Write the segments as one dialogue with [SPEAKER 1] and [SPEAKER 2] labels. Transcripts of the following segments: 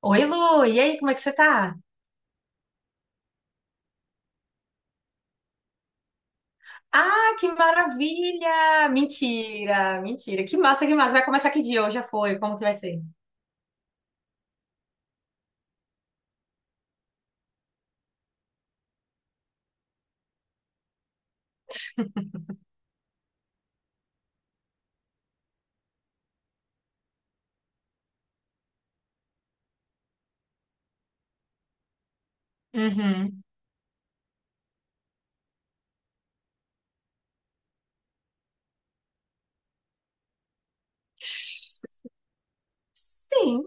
[SPEAKER 1] Oi, Lu, e aí, como é que você tá? Ah, que maravilha! Mentira, mentira. Que massa, que massa. Vai começar que dia? Hoje já foi. Como que vai ser? Uhum. Sim,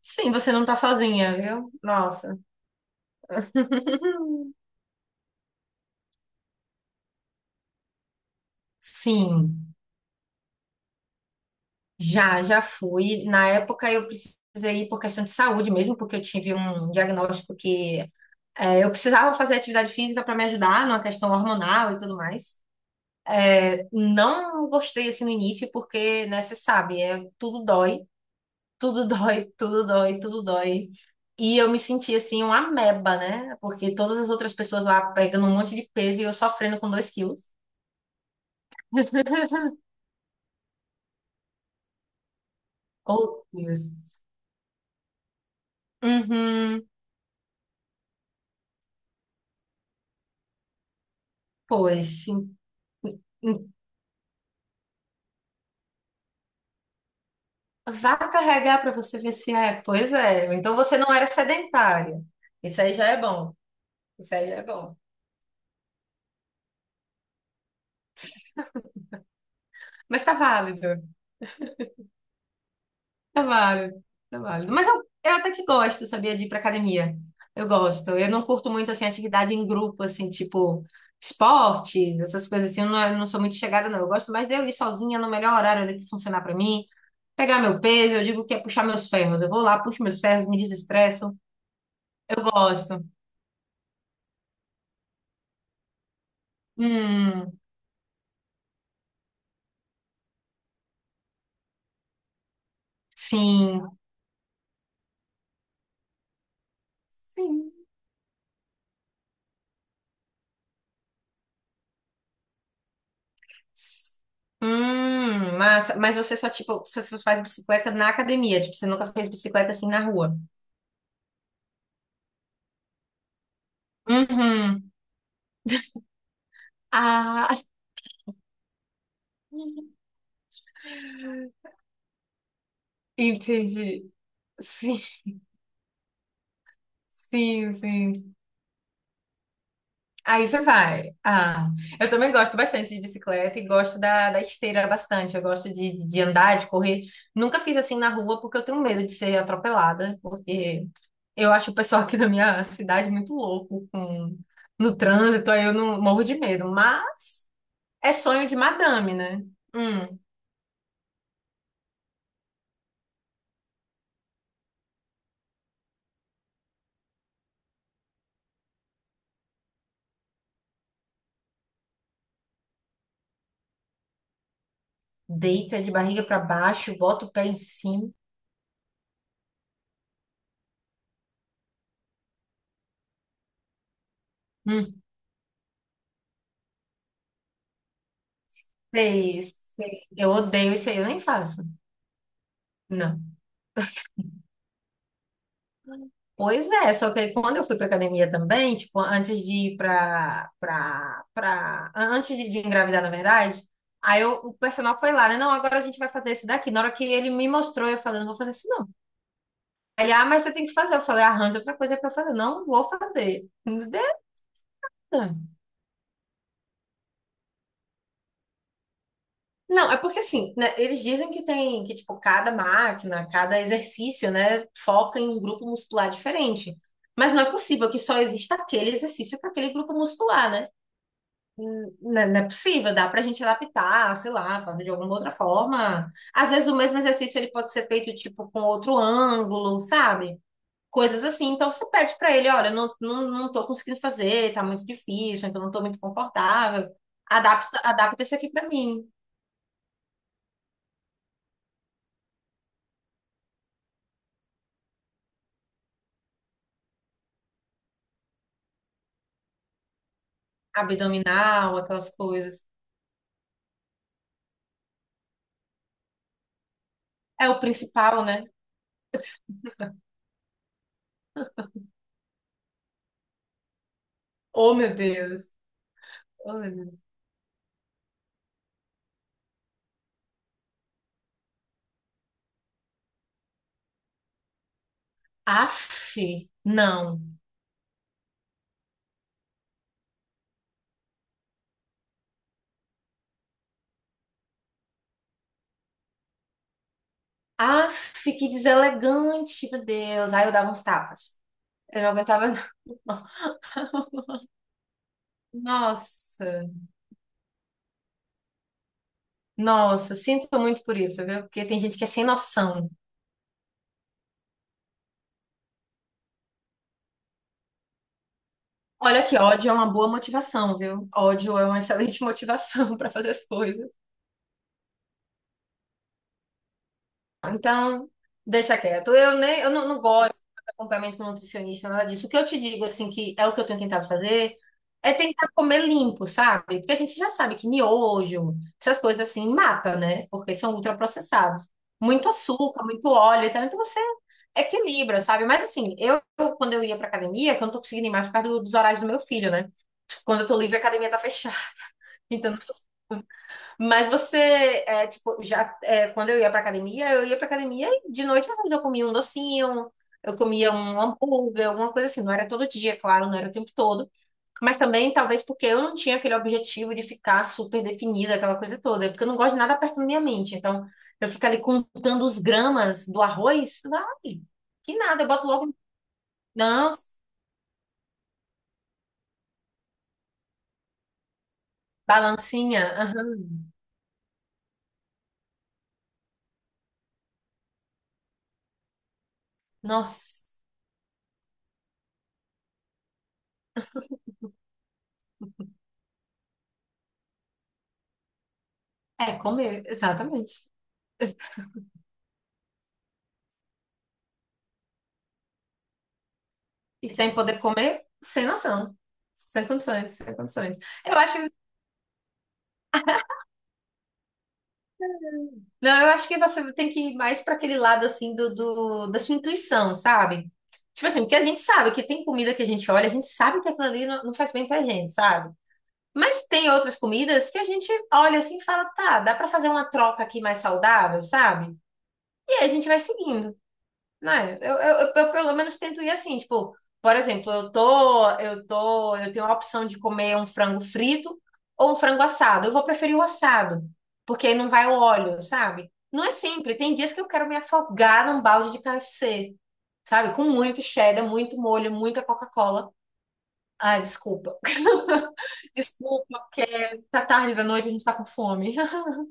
[SPEAKER 1] sim, você não tá sozinha, viu? Nossa. Sim, já fui. Na época eu precisei ir por questão de saúde mesmo, porque eu tive um diagnóstico que eu precisava fazer atividade física para me ajudar numa questão hormonal e tudo mais. Não gostei assim no início, porque, né, você sabe, tudo dói, tudo dói, tudo dói, tudo dói. E eu me senti assim, uma ameba, né? Porque todas as outras pessoas lá pegando um monte de peso e eu sofrendo com dois quilos. Oh, Deus. Uhum. Pois, em- em- Vá carregar para você ver se é. Pois é. Então você não era sedentário. Isso aí já é bom. Isso aí já é bom. Mas tá válido. É válido, é válido. Mas eu até que gosto, sabia, de ir pra academia. Eu gosto. Eu não curto muito, assim, atividade em grupo, assim, tipo esportes, essas coisas assim. Eu não sou muito chegada, não. Eu gosto mais de eu ir sozinha no melhor horário ali que funcionar pra mim. Pegar meu peso, eu digo que é puxar meus ferros. Eu vou lá, puxo meus ferros, me desestresso. Eu gosto. Hum, sim. Sim. Massa. Mas você só, tipo, você só faz bicicleta na academia. Tipo, você nunca fez bicicleta assim na rua. Uhum. Ah, entendi. Sim, sim, sim. Aí você vai. Ah, eu também gosto bastante de bicicleta e gosto da esteira bastante. Eu gosto de andar, de correr. Nunca fiz assim na rua porque eu tenho medo de ser atropelada, porque eu acho o pessoal aqui da minha cidade muito louco com, no trânsito, aí eu não morro de medo. Mas é sonho de madame, né? Hum, deita de barriga pra baixo, bota o pé em cima. Hum, sei, sei. Eu odeio isso aí, eu nem faço. Não. Pois é, só que aí quando eu fui para academia também, tipo, antes de ir para para para antes de engravidar, na verdade, o personal foi lá, né? Não, agora a gente vai fazer esse daqui. Na hora que ele me mostrou, eu falei, não vou fazer isso não. Ele, ah, mas você tem que fazer. Eu falei, arranja outra coisa para eu fazer. Não vou fazer. Não deu. Não, é porque assim, né, eles dizem que tem que tipo cada máquina, cada exercício, né, foca em um grupo muscular diferente. Mas não é possível que só exista aquele exercício para aquele grupo muscular, né? Não é possível, dá pra gente adaptar, sei lá, fazer de alguma outra forma. Às vezes o mesmo exercício ele pode ser feito tipo com outro ângulo, sabe? Coisas assim. Então você pede pra ele, olha, eu não, não, não tô conseguindo fazer, tá muito difícil, então não tô muito confortável. Adapta, adapta isso aqui pra mim. Abdominal, aquelas coisas. É o principal, né? Oh, meu Deus. Oh, meu Deus. Aff, não. Aff, que deselegante, meu Deus. Aí eu dava uns tapas. Eu não aguentava. Nossa, nossa, sinto muito por isso, viu? Porque tem gente que é sem noção. Olha que ódio é uma boa motivação, viu? Ódio é uma excelente motivação para fazer as coisas. Então, deixa quieto. Eu nem, eu não, não gosto de acompanhamento com nutricionista, nada disso. O que eu te digo, assim, que é o que eu tenho tentado fazer, é tentar comer limpo, sabe? Porque a gente já sabe que miojo, essas coisas assim, mata, né? Porque são ultraprocessados. Muito açúcar, muito óleo e tal. Então você equilibra, sabe? Mas assim, quando eu ia pra academia, que eu não tô conseguindo ir mais por causa do- dos horários do meu filho, né? Quando eu tô livre, a academia tá fechada. Então mas você, quando eu ia pra academia, eu ia pra academia e de noite, às vezes, eu comia um docinho, eu comia um hambúrguer, alguma coisa assim. Não era todo dia, claro, não era o tempo todo. Mas também, talvez, porque eu não tinha aquele objetivo de ficar super definida, aquela coisa toda. É Porque eu não gosto de nada apertando minha mente. Então, eu fico ali contando os gramas do arroz, vai, que nada, eu boto logo. Um Não, balancinha. Aham. Nossa, é comer, exatamente. E sem poder comer, sem noção. Sem condições, sem condições. Eu acho, não, eu acho que você tem que ir mais para aquele lado assim da sua intuição, sabe? Tipo assim, porque a gente sabe que tem comida que a gente olha, a gente sabe que aquilo ali não faz bem pra gente, sabe? Mas tem outras comidas que a gente olha assim e fala, tá, dá para fazer uma troca aqui mais saudável, sabe? E aí a gente vai seguindo. Não é? Eu pelo menos tento ir assim, tipo, por exemplo, eu tenho a opção de comer um frango frito ou um frango assado. Eu vou preferir o assado, porque aí não vai o óleo, sabe? Não é sempre. Tem dias que eu quero me afogar num balde de KFC, sabe? Com muito cheddar, muito molho, muita Coca-Cola. Ai, desculpa. Desculpa, tá tarde da noite, a gente tá com fome.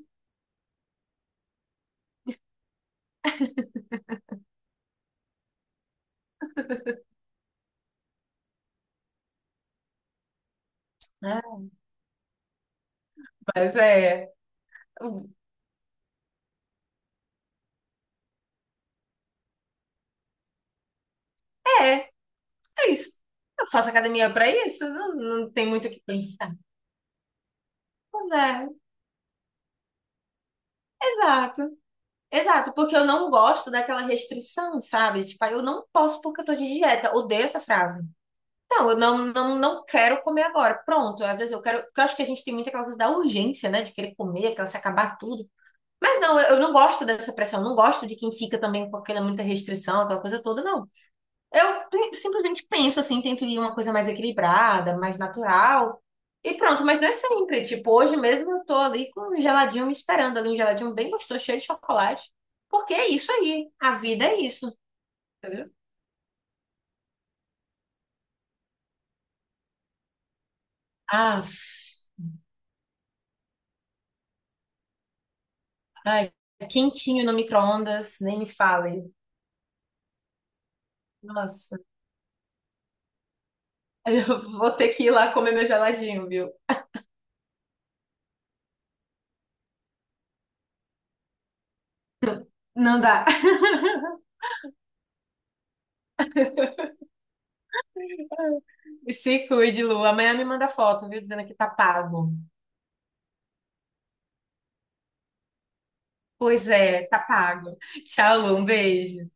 [SPEAKER 1] É, Mas é, é isso. Eu faço academia pra isso, não, não tem muito o que pensar. Pois é, exato. Exato, porque eu não gosto daquela restrição, sabe? Tipo, ah, eu não posso porque eu tô de dieta. Odeio essa frase. Não, não quero comer agora. Pronto, às vezes eu quero. Porque eu acho que a gente tem muito aquela coisa da urgência, né? De querer comer, aquela se acabar tudo. Mas não, eu não gosto dessa pressão. Não gosto de quem fica também com aquela muita restrição, aquela coisa toda, não. Simplesmente penso assim, tento ir uma coisa mais equilibrada, mais natural. E pronto, mas não é sempre. Tipo, hoje mesmo eu tô ali com um geladinho me esperando ali, um geladinho bem gostoso, cheio de chocolate. Porque é isso aí. A vida é isso, entendeu? Ah, ai, quentinho no micro-ondas, nem me fale. Nossa, eu vou ter que ir lá comer meu geladinho, viu? Não dá. Se cuide, Lu. Amanhã me manda foto, viu? Dizendo que tá pago. Pois é, tá pago. Tchau, Lu. Um beijo.